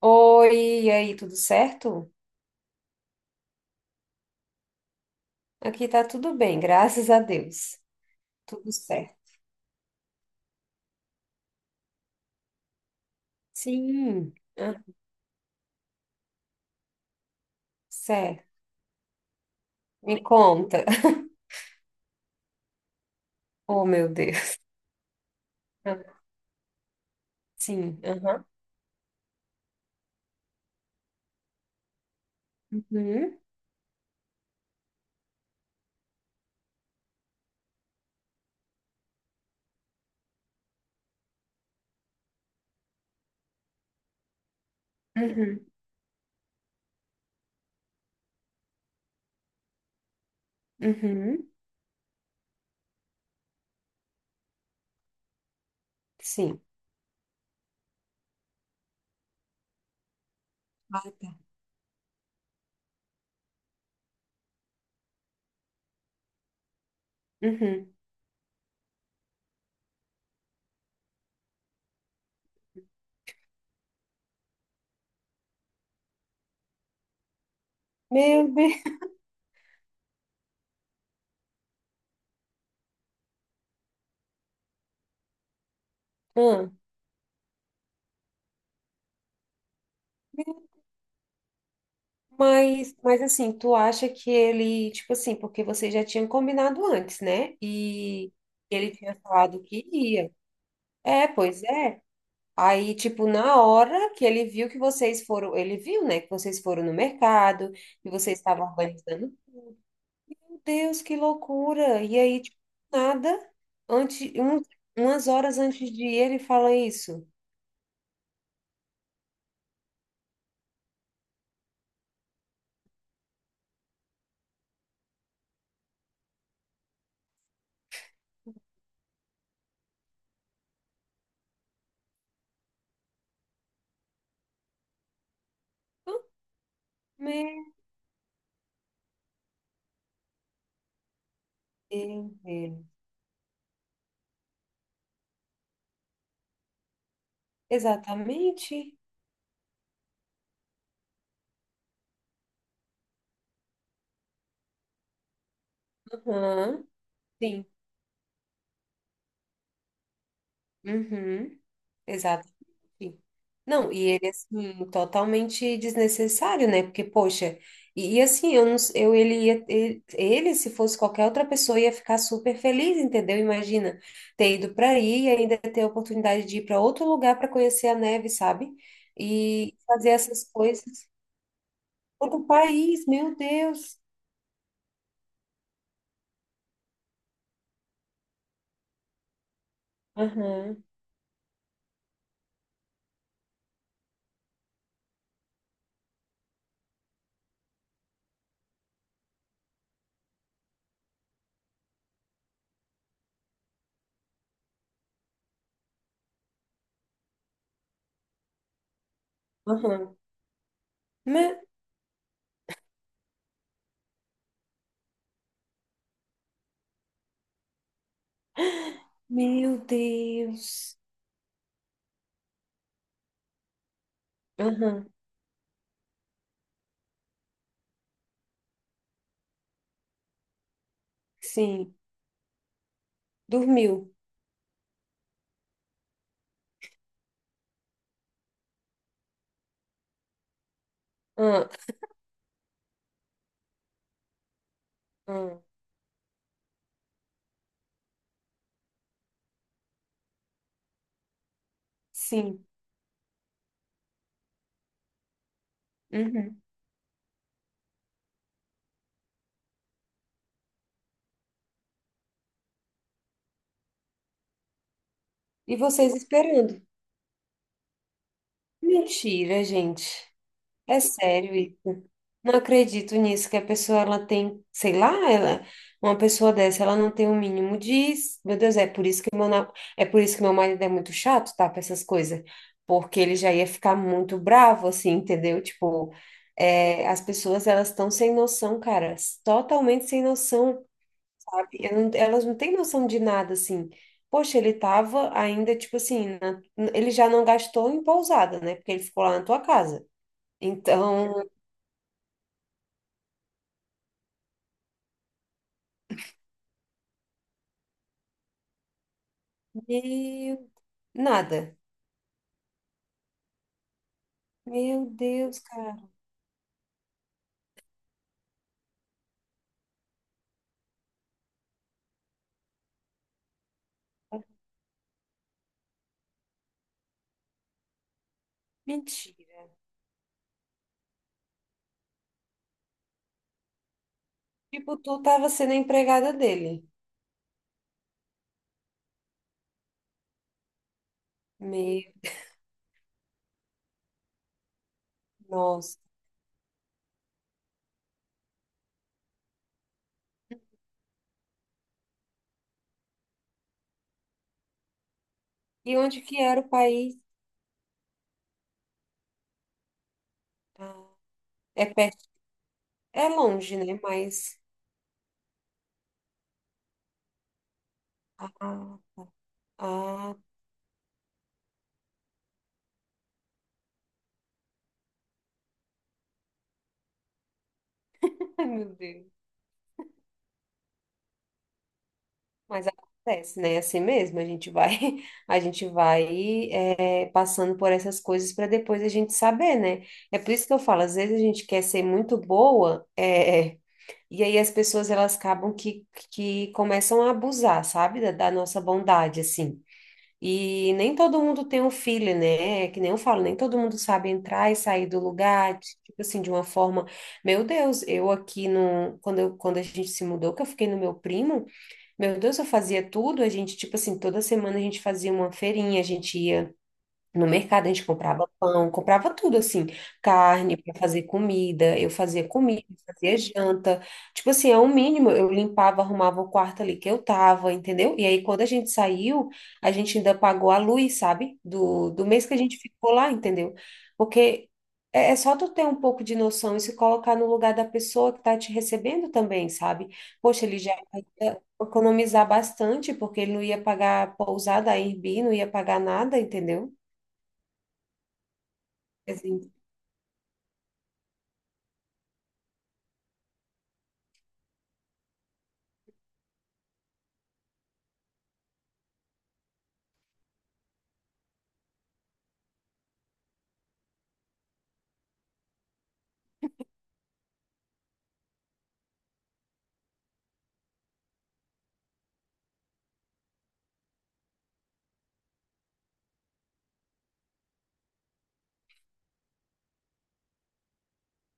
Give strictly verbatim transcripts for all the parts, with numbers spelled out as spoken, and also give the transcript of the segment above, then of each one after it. Oi, e aí, tudo certo? Aqui tá tudo bem, graças a Deus. Tudo certo. Sim, ah, certo. Me conta. Oh, meu Deus. Ah, sim, aham. Uhum, uhum, uhum, sim. Ah, tá. Uhum. Meu Deus. Ah, mas, mas assim, tu acha que ele, tipo assim, porque vocês já tinham combinado antes, né? E ele tinha falado que ia. É, pois é. Aí, tipo, na hora que ele viu que vocês foram, ele viu, né, que vocês foram no mercado, que vocês estavam organizando. Meu Deus, que loucura! E aí, tipo, nada, antes, um- umas horas antes de ir, ele fala isso. "Ah, Meu Deus. Exatamente. Aham, sim. Uhum. Sim. Não, e ele, assim, totalmente desnecessário, né? Porque, poxa, e, e assim, eu, não s- eu ele, ia, ele, ele, se fosse qualquer outra pessoa, ia ficar super feliz, entendeu? Imagina ter ido para aí e ainda ter a oportunidade de ir para outro lugar para conhecer a neve, sabe? E fazer essas coisas. Outro país, meu Deus. Aham, aham. Me- Meu Deus. Aham, sim. Dormiu. Ah, ah, sim. Uhum. E vocês esperando. Mentira, gente. É sério. Isso. Não acredito nisso que a pessoa ela tem, sei lá, ela, uma pessoa dessa, ela não tem o mínimo de, meu Deus, é por isso que meu, na- é por isso que meu marido é muito chato, tá, para essas coisas, porque ele já ia ficar muito bravo assim, entendeu? Tipo, é, as pessoas elas estão sem noção, cara, totalmente sem noção. Sabe? Eu não- elas não têm noção de nada, assim. Poxa, ele tava ainda, tipo assim, na- ele já não gastou em pousada, né? Porque ele ficou lá na tua casa. Então, meu, nada. Meu Deus, cara. Mentira. Tipo, tu tava sendo a empregada dele. Meu, nossa. E onde que era o país? Ah, é perto, é longe, né? Mas, ah, ah, ai, meu Deus. Mas acontece, né? Assim mesmo, a gente vai, a gente vai é, passando por essas coisas para depois a gente saber, né? É por isso que eu falo, às vezes a gente quer ser muito boa, é, e aí as pessoas elas acabam que, que começam a abusar, sabe? Da, da nossa bondade, assim. E nem todo mundo tem um filho, né? É que nem eu falo, nem todo mundo sabe entrar e sair do lugar, tipo assim, de uma forma. Meu Deus, eu aqui no, quando eu, quando a gente se mudou, que eu fiquei no meu primo. Meu Deus, eu fazia tudo, a gente, tipo assim, toda semana a gente fazia uma feirinha, a gente ia no mercado, a gente comprava pão, comprava tudo assim, carne para fazer comida, eu fazia comida, fazia janta. Tipo assim, é o mínimo, eu limpava, arrumava o quarto ali que eu tava, entendeu? E aí quando a gente saiu, a gente ainda pagou a luz, sabe? Do, do mês que a gente ficou lá, entendeu? Porque é, é só tu ter um pouco de noção e se colocar no lugar da pessoa que tá te recebendo também, sabe? Poxa, ele já ia economizar bastante porque ele não ia pagar pousada, Airbnb, não ia pagar nada, entendeu? Assim,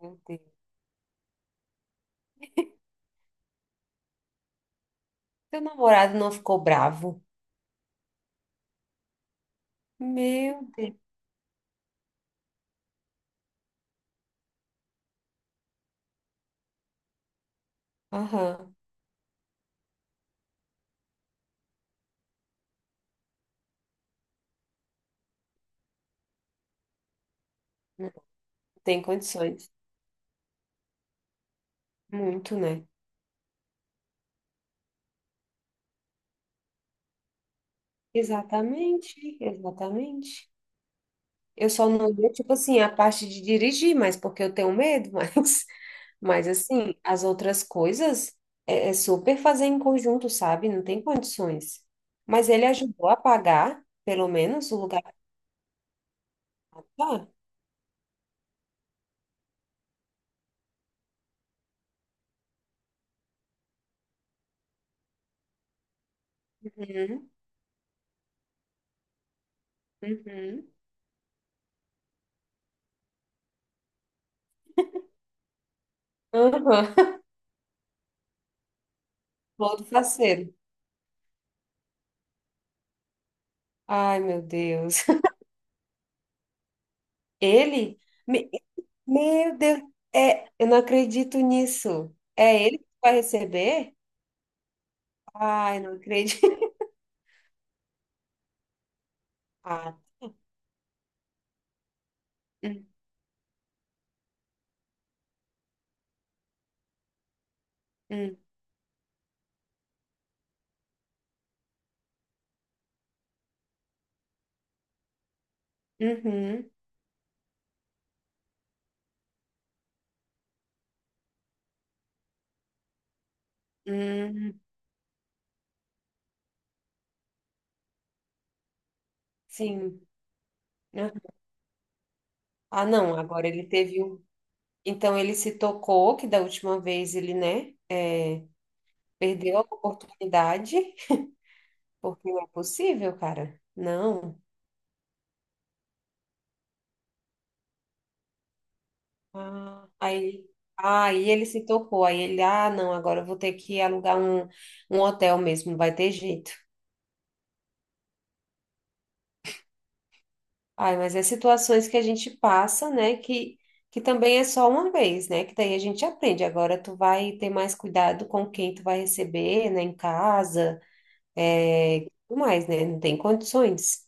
meu Deus. Seu namorado não ficou bravo? Meu Deus. Aham. Não tem condições. Muito, né? Exatamente, exatamente. Eu só não ia, tipo assim, a parte de dirigir, mas porque eu tenho medo, mas, mas assim, as outras coisas é, é super fazer em conjunto, sabe? Não tem condições. Mas ele ajudou a pagar, pelo menos, o lugar. Ah, uhum, uhum. Aham. Todo faceiro. Ai, meu Deus. Ele? Me- Meu Deus, é, eu não acredito nisso. É ele que vai receber? Ai, não acredito. Ah, hum, hum, uhum, hum, sim. Né? Ah, não, agora ele teve um. Então ele se tocou, que da última vez ele, né, é, perdeu a oportunidade, porque não é possível, cara. Não. Ah, aí, aí, ele se tocou, aí ele, ah, não, agora eu vou ter que alugar um, um hotel mesmo, não vai ter jeito. Ai, mas é situações que a gente passa, né? Que, que também é só uma vez, né? Que daí a gente aprende. Agora tu vai ter mais cuidado com quem tu vai receber, né? Em casa, é, tudo mais, né? Não tem condições.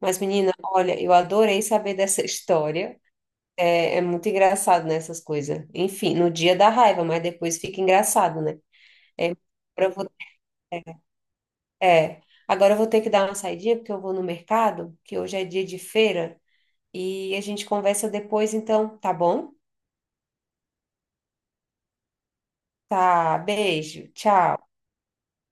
Mas, menina, olha, eu adorei saber dessa história. É, é muito engraçado, né? Essas coisas. Enfim, no dia da raiva, mas depois fica engraçado, né? É, agora eu vou- é. Agora eu vou ter que dar uma saidinha, porque eu vou no mercado, que hoje é dia de feira. E a gente conversa depois, então, tá bom? Tá, beijo, tchau.